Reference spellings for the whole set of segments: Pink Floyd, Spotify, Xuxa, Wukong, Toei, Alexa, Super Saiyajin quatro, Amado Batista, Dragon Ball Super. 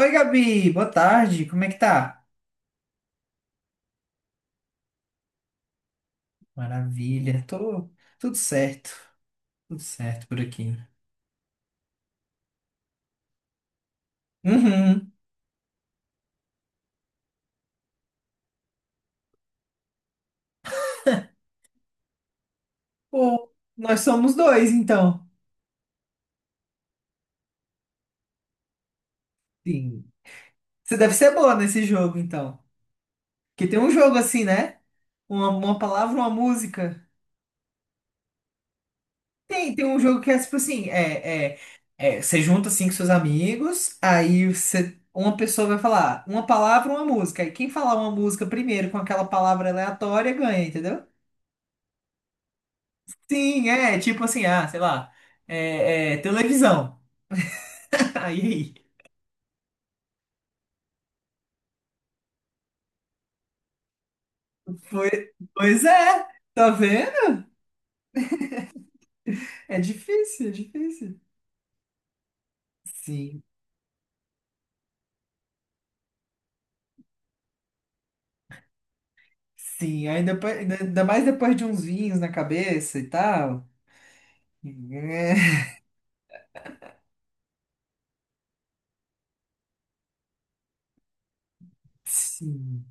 Oi, Gabi, boa tarde, como é que tá? Maravilha, tô tudo certo, tudo certo por aqui. Uhum. Pô, nós somos dois, então. Sim. Você deve ser boa nesse jogo, então. Porque tem um jogo assim, né? Uma palavra, uma música. Tem um jogo que é tipo assim, você junta assim com seus amigos, aí você, uma pessoa vai falar uma palavra, uma música. Aí quem falar uma música primeiro com aquela palavra aleatória ganha, entendeu? Sim, é, tipo assim, ah, sei lá, televisão. Aí, foi, pois é, tá vendo? É difícil, é difícil. Sim, sim, ainda, pa- ainda ainda mais depois de uns vinhos na cabeça e tal. É, sim,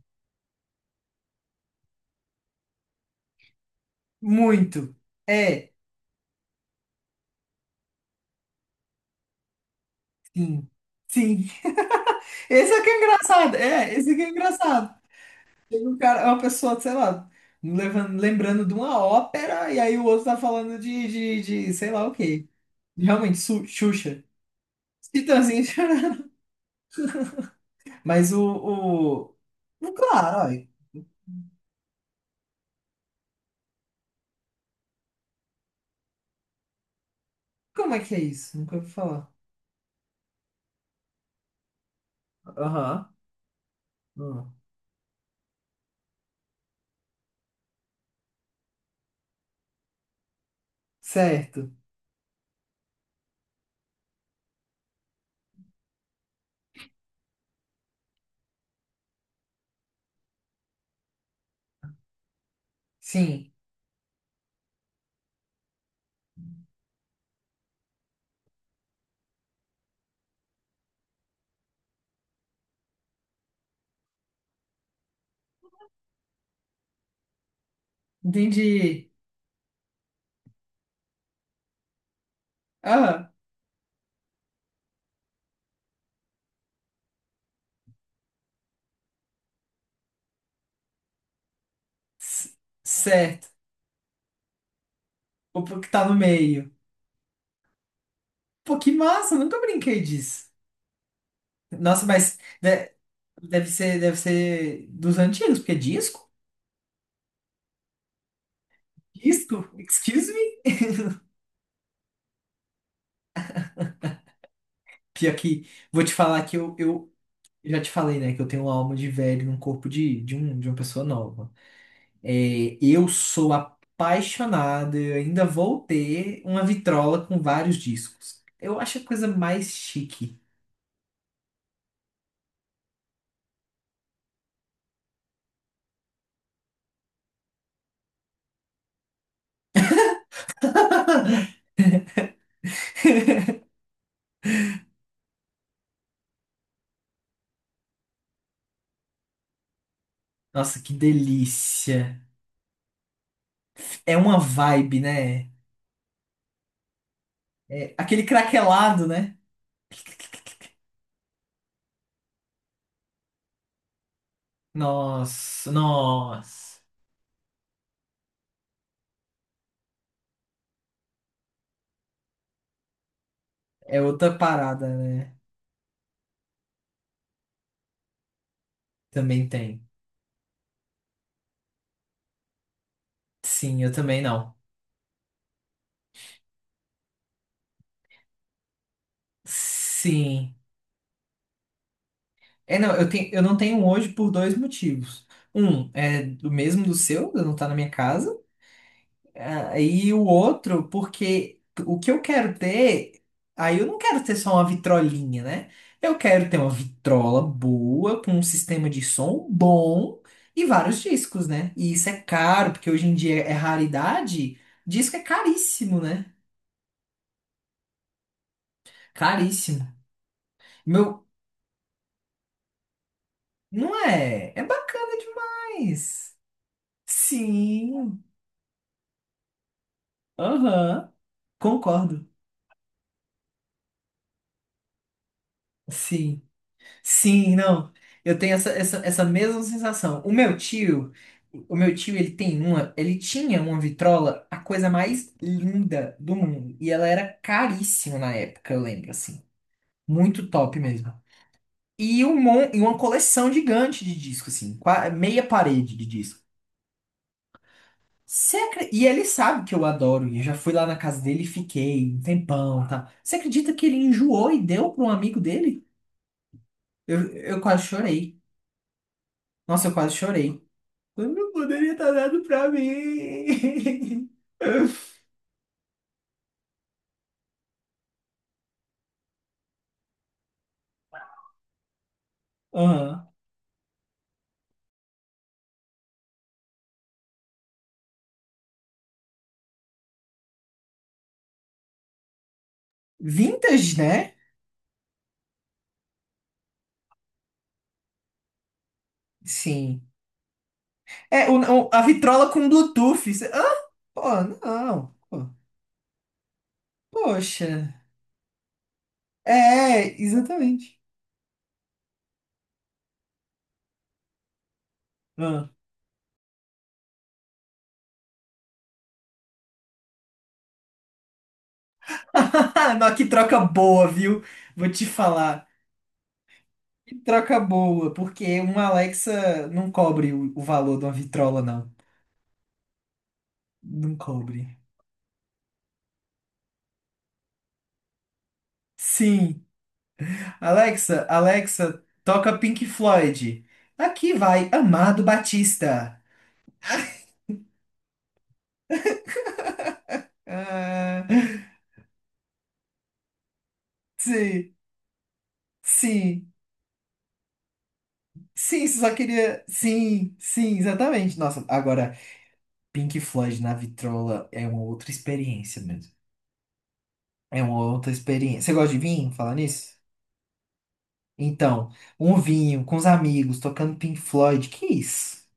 muito. É, sim, sim. Esse aqui é engraçado, esse aqui é engraçado. Tem um cara, é uma pessoa, sei lá, levando, lembrando de uma ópera e aí o outro tá falando de sei lá o quê. Realmente, Xuxa. Titãzinho chorando. Mas o... o Claro, ó. Como é que é isso? Nunca ouvi falar. Aham. Hum. Certo. Sim. Entendi. Ah, c- certo. O que tá no meio. Pô, que massa. Nunca brinquei disso. Nossa, mas deve ser dos antigos, porque é disco? Disco? Excuse me? Pior que, vou te falar que eu já te falei, né? Que eu tenho uma alma de velho num corpo de uma pessoa nova. É, eu sou apaixonado, eu ainda vou ter uma vitrola com vários discos. Eu acho a coisa mais chique. Nossa, que delícia. É uma vibe, né? É aquele craquelado, né? Nossa, nossa. É outra parada, né? Também tem. Sim, eu também não. Sim. É, não, eu tenho, eu não tenho um hoje por dois motivos. Um, é do mesmo do seu, eu não tá na minha casa. Ah, e o outro, porque o que eu quero ter, aí eu não quero ter só uma vitrolinha, né? Eu quero ter uma vitrola boa, com um sistema de som bom e vários discos, né? E isso é caro, porque hoje em dia é raridade, disco é caríssimo, né? Caríssimo. Meu, não é? É bacana demais. Sim. Aham. Concordo. Sim. Sim, não. Eu tenho essa mesma sensação. O meu tio, ele tinha uma vitrola, a coisa mais linda do mundo. E ela era caríssima na época, eu lembro, assim. Muito top mesmo. E uma coleção gigante de disco, assim, meia parede de disco. E ele sabe que eu adoro, e eu já fui lá na casa dele e fiquei um tempão, tá? Você acredita que ele enjoou e deu para um amigo dele? Eu quase chorei. Nossa, eu quase chorei. Quando poderia estar dado pra mim. Aham. Vintage, né? Sim. É, a vitrola com Bluetooth. Ah, pô, não. Pô, Poxa. É, exatamente. Ah. Não, que troca boa, viu? Vou te falar. Que troca boa, porque uma Alexa não cobre o valor de uma vitrola, não. Não cobre. Sim. Alexa, Alexa, toca Pink Floyd. Aqui vai Amado Batista. Ah, sim, sim, sim, só queria. Sim, sim, exatamente. Nossa, agora, Pink Floyd na vitrola é uma outra experiência mesmo. É uma outra experiência. Você gosta de vinho? Falar nisso? Então, um vinho com os amigos, tocando Pink Floyd, que isso?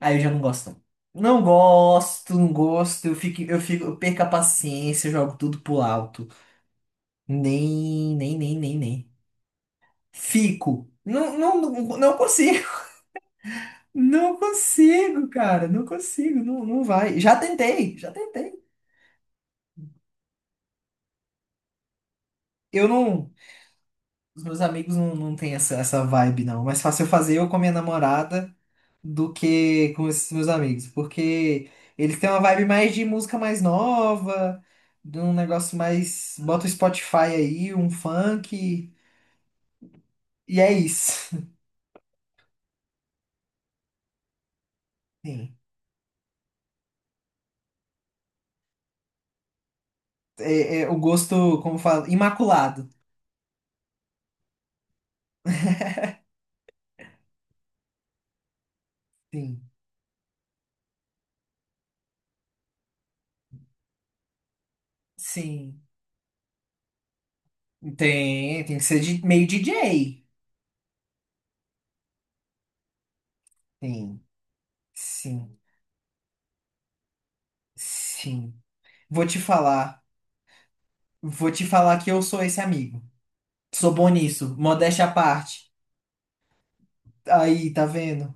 Aí eu já não gosto. Não. Não gosto, não gosto, eu fico, eu fico, eu perco a paciência, eu jogo tudo pro alto. Nem, nem, nem, nem, nem. Fico. Não, não, não consigo. Não consigo, cara. Não consigo. Não, não vai. Já tentei, já tentei. Eu não. Os meus amigos não, não têm essa vibe, não. Mais fácil eu fazer eu com a minha namorada do que com esses meus amigos. Porque eles têm uma vibe mais de música mais nova, de um negócio mais. Bota o Spotify aí, um funk. E é isso. Sim. É, é o gosto, como fala, imaculado. Sim. Sim, tem que ser de, meio DJ. Sim, sim, sim. Vou te falar, vou te falar que eu sou esse amigo. Sou bom nisso, modéstia à parte. Aí, tá vendo?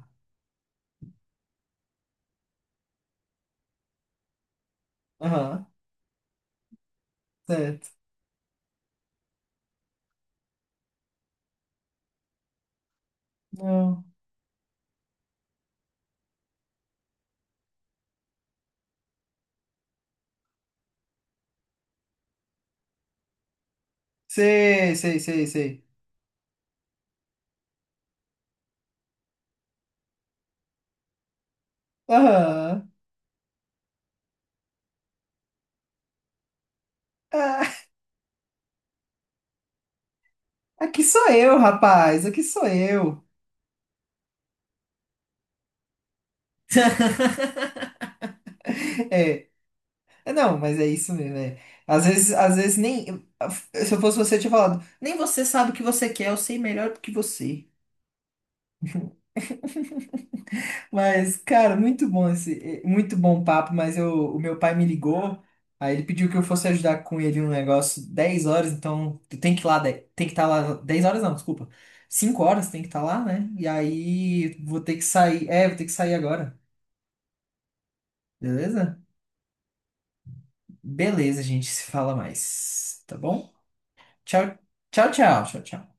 Aham, certo. Não. Sei, sei, sei, sei. Aham. Ah, aqui sou eu, rapaz, aqui sou eu. É, é, não, mas é isso mesmo, é. Às vezes nem. Se eu fosse você, eu tinha falado, nem você sabe o que você quer, eu sei melhor do que você. Mas, cara, muito bom papo, mas o meu pai me ligou, aí ele pediu que eu fosse ajudar com ele no negócio 10 horas, então tu tem que ir lá, tem que estar lá, 10 horas não, desculpa, 5 horas tem que estar lá, né? E aí vou ter que sair, é, vou ter que sair agora, beleza? Beleza, gente, se fala mais, tá bom? Tchau, tchau, tchau, tchau, tchau.